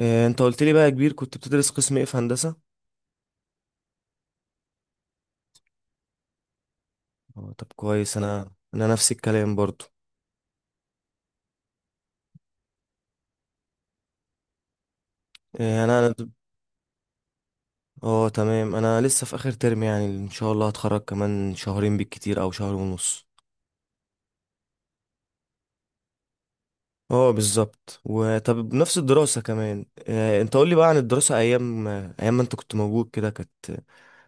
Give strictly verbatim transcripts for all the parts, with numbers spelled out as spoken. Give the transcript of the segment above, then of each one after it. إيه، انت قلت لي بقى يا كبير كنت بتدرس قسم ايه في هندسة؟ اه، طب كويس. انا انا نفس الكلام برضو. إيه، انا. اه تمام، انا لسه في اخر ترم، يعني ان شاء الله هتخرج كمان شهرين بالكتير او شهر ونص. اه بالظبط، وطب بنفس الدراسة كمان. إيه، انت قول لي بقى عن الدراسة، ايام ايام ما انت كنت موجود كده، كانت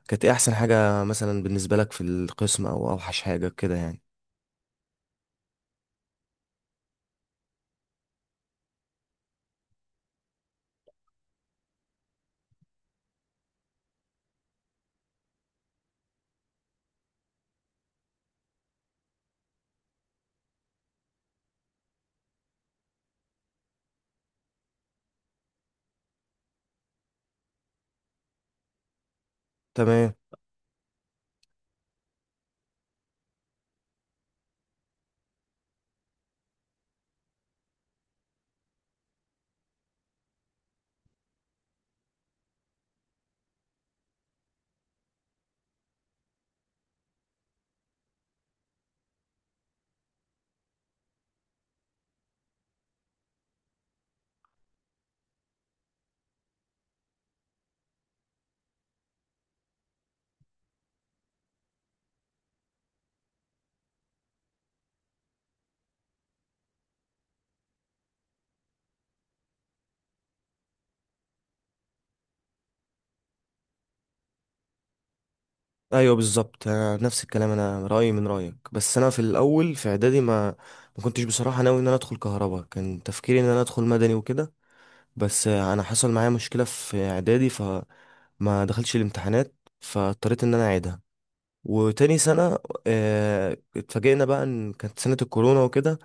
كانت ايه احسن حاجة مثلا بالنسبة لك في القسم، او اوحش حاجة كده يعني؟ تمام. ايوه بالظبط، انا نفس الكلام، انا رايي من رايك. بس انا في الاول في اعدادي ما ما كنتش بصراحه ناوي ان انا ادخل كهرباء، كان تفكيري ان انا ادخل مدني وكده. بس انا حصل معايا مشكله في اعدادي فما دخلش الامتحانات، فاضطريت ان انا اعيدها. وتاني سنه آه، اتفاجئنا بقى ان كانت سنه الكورونا وكده،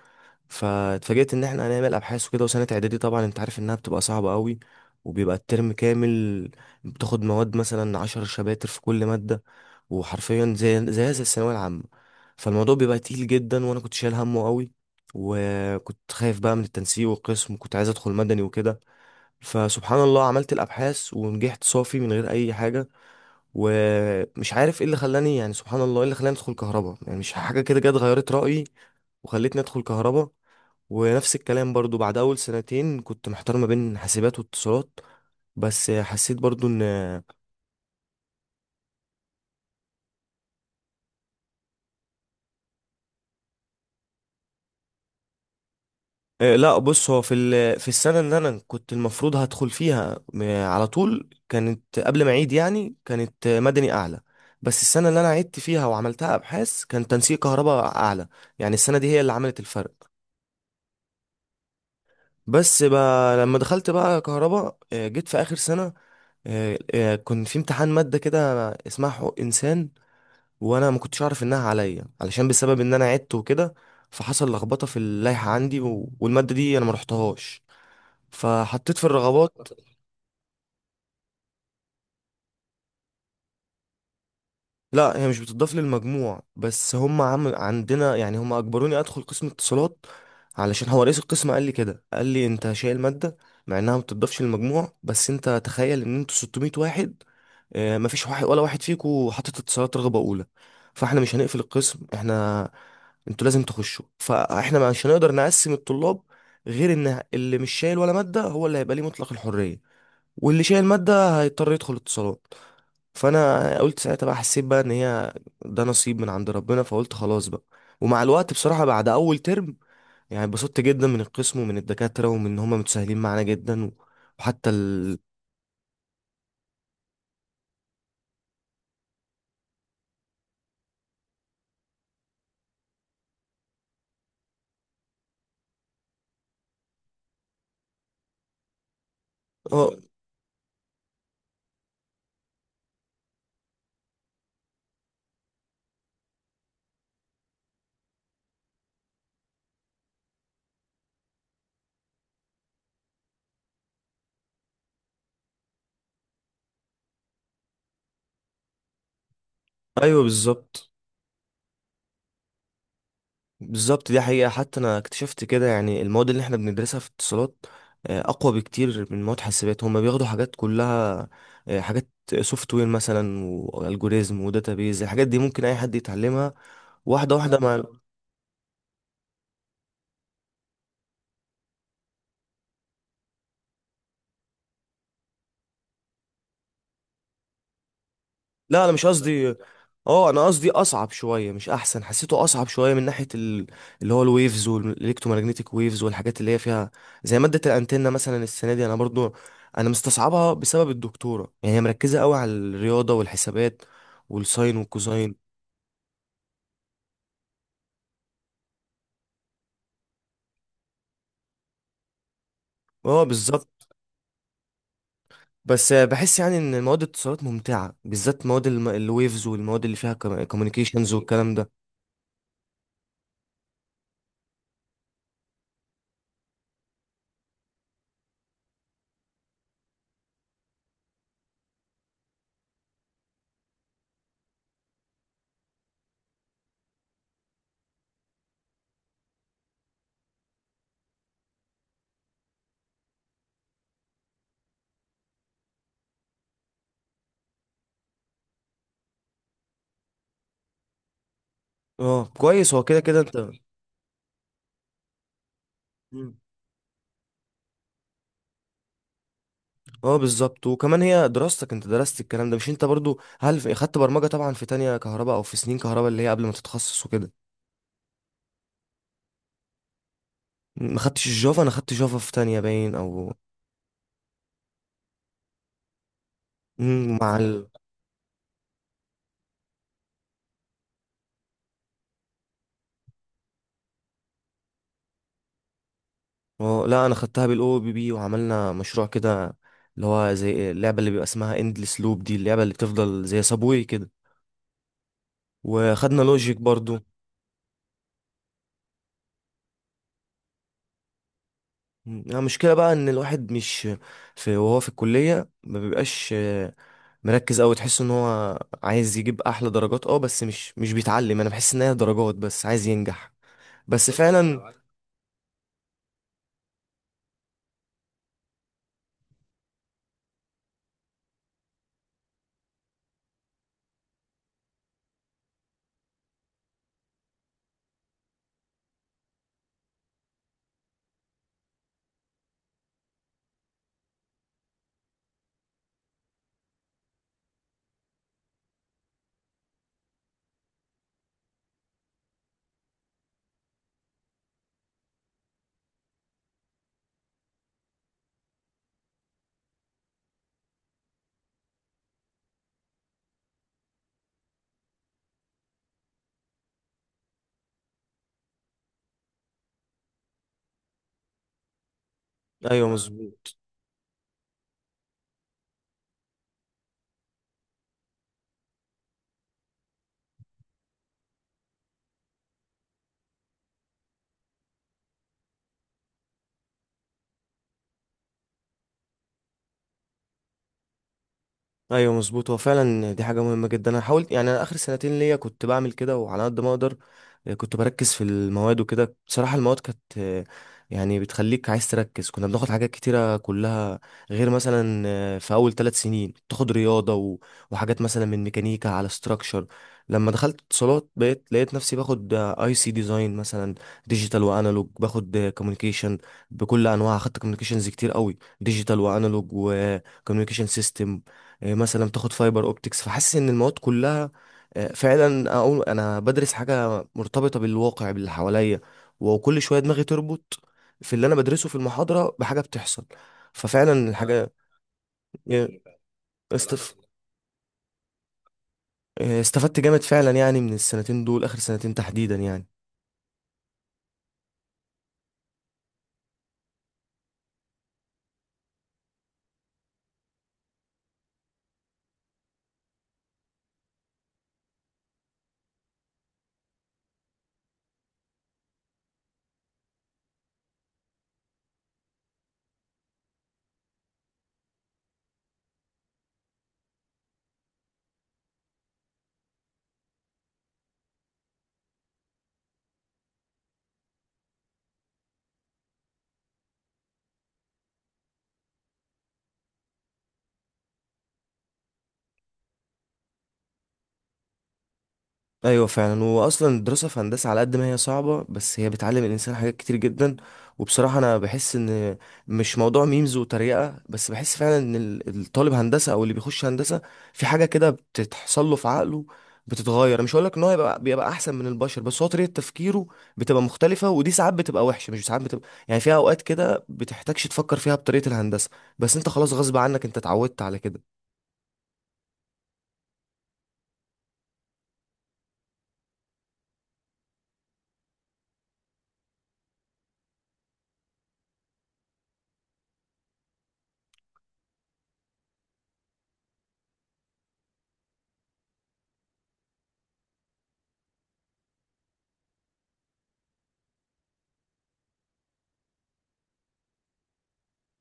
فاتفاجئت ان احنا هنعمل ابحاث وكده. وسنه اعدادي طبعا انت عارف انها بتبقى صعبه قوي، وبيبقى الترم كامل بتاخد مواد مثلا عشر شباتر في كل ماده، وحرفيا زي زي زي الثانويه العامه. فالموضوع بيبقى تقيل جدا، وانا كنت شايل همه قوي، وكنت خايف بقى من التنسيق والقسم، وكنت عايز ادخل مدني وكده. فسبحان الله عملت الابحاث ونجحت صافي من غير اي حاجه. ومش عارف ايه اللي خلاني، يعني سبحان الله ايه اللي خلاني ادخل كهرباء، يعني مش حاجه كده جت غيرت رايي وخلتني ادخل كهرباء. ونفس الكلام برضو بعد اول سنتين كنت محتار ما بين حاسبات واتصالات، بس حسيت برضو ان... إيه، لا بص، هو في ال... في السنه اللي انا كنت المفروض هدخل فيها م- على طول، كانت قبل ما اعيد يعني، كانت مدني اعلى. بس السنه اللي انا عدت فيها وعملتها ابحاث كان تنسيق كهرباء اعلى، يعني السنه دي هي اللي عملت الفرق. بس بقى لما دخلت بقى كهرباء، آه، جيت في اخر سنه، آه، آه، كان في امتحان ماده كده اسمها حقوق انسان، وانا ما كنتش اعرف انها عليا علشان بسبب ان انا عدت وكده. فحصل لخبطه في اللائحه عندي، و... والماده دي انا ما رحتهاش، فحطيت في الرغبات. لا هي مش بتضاف للمجموع، بس هم عم... عندنا يعني، هم اجبروني ادخل قسم اتصالات. علشان هو رئيس القسم قال لي كده، قال لي انت شايل ماده، مع انها ما بتضافش للمجموع، بس انت تخيل ان انتوا ستمائة واحد، آه، مفيش واحد ولا واحد فيكو حاطط اتصالات رغبة أولى. فاحنا مش هنقفل القسم، احنا... انتوا لازم تخشوا، فاحنا مش هنقدر نقسم الطلاب غير ان اللي مش شايل ولا مادة هو اللي هيبقى ليه مطلق الحرية، واللي شايل مادة هيضطر يدخل اتصالات. فانا قلت ساعتها بقى، حسيت بقى ان هي ده نصيب من عند ربنا، فقلت خلاص بقى. ومع الوقت بصراحة بعد اول ترم، يعني اتبسطت جدا من القسم ومن الدكاترة، ومن ان هم متساهلين معانا جدا. وحتى ال... اه، ايوه بالظبط. بالظبط، دي حقيقة. حتى أنا اكتشفت كده، يعني المواد اللي احنا بندرسها في اتصالات آه، أقوى بكتير من مواد حاسبات. هما بياخدوا حاجات كلها، آه، حاجات سوفت وير مثلا والجوريزم وداتابيز. الحاجات دي ممكن أي حد يتعلمها واحدة واحدة مع... لا انا مش قصدي. اه انا قصدي اصعب شويه مش احسن، حسيته اصعب شويه من ناحيه ال... اللي هو الويفز والالكترومagnetic ويفز والحاجات اللي هي فيها. زي ماده الانتنه مثلا السنه دي، انا برضو انا مستصعبها بسبب الدكتوره، يعني هي مركزه قوي على الرياضه والحسابات والساين والكوزاين. اه بالظبط. بس بحس يعني ان مواد الاتصالات ممتعه، بالذات مواد الم... الويفز والمواد اللي فيها كوميونيكيشنز والكلام ده. اه كويس، هو كده كده انت. مم. اه بالظبط. وكمان هي دراستك انت درست الكلام ده، مش انت برضو هل في- خدت برمجة طبعا في تانية كهرباء او في سنين كهرباء اللي هي قبل ما تتخصص وكده؟ ما خدتش الجافا؟ انا خدت جافا في تانية باين او... مم، مع ال... اه لا، انا خدتها بالاو بي بي وعملنا مشروع كده اللي هو زي اللعبة اللي بيبقى اسمها اندلس لوب، دي اللعبة اللي بتفضل زي سابوي كده. وخدنا لوجيك برضو. مم، يعني المشكلة بقى ان الواحد مش في وهو في الكلية ما بيبقاش مركز أوي، تحس إن هو عايز يجيب أحلى درجات أه، بس مش مش بيتعلم. أنا بحس إن هي درجات بس، عايز ينجح بس. بالظبط فعلا لو عايز. أيوه تبقى مظبوط. ايوه مظبوط، هو فعلا دي حاجه مهمه جدا. انا حاولت يعني، انا اخر سنتين ليا كنت بعمل كده وعلى قد ما اقدر، آه، كنت بركز في المواد وكده. بصراحه المواد كانت، آه، يعني بتخليك عايز تركز. كنا بناخد حاجات كتيره كلها، غير مثلا آه، في اول ثلاث سنين تاخد رياضه و- وحاجات مثلا من ميكانيكا على ستراكشر. لما دخلت اتصالات بقيت لقيت نفسي باخد اي سي ديزاين مثلا ديجيتال وانالوج، باخد كوميونيكيشن بكل انواعها. خدت كوميونيكيشنز كتير قوي، ديجيتال وانالوج وكوميونيكيشن سيستم، آه، مثلا تاخد فايبر اوبتكس. فحاسس ان المواد كلها آه، فعلا اقول انا بدرس حاجه مرتبطه بالواقع باللي حواليا. وكل شويه دماغي تربط في اللي انا بدرسه في المحاضره بحاجه بتحصل. ففعلا آه، الحاجه، آه، بصراحة استف... آه، استفدت جامد فعلا يعني من السنتين دول، اخر سنتين تحديدا يعني. ايوه فعلا، واصلا الدراسه في هندسه على قد ما هي صعبه بس هي بتعلم الانسان حاجات كتير جدا. وبصراحه انا بحس ان مش موضوع ميمز وتريقه بس، بحس فعلا ان ال- الطالب هندسه او اللي بيخش هندسه في حاجه كده بتتحصل له في عقله بتتغير. مش هقول لك ان هو يبقى بيبقى احسن من البشر، بس هو طريقه تفكيره بتبقى مختلفه. ودي ساعات بتبقى وحشه، مش ساعات بتبقى يعني، فيها اوقات كده بتحتاجش تفكر فيها بطريقه الهندسه، بس انت خلاص غصب عنك انت اتعودت على كده.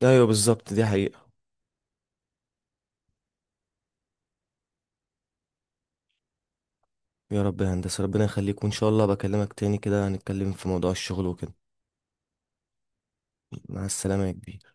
ايوه بالظبط دي حقيقه. يا رب يا هندسة، ربنا يخليك، وإن شاء الله بكلمك تاني كده هنتكلم في موضوع الشغل وكده. مع السلامة يا كبير.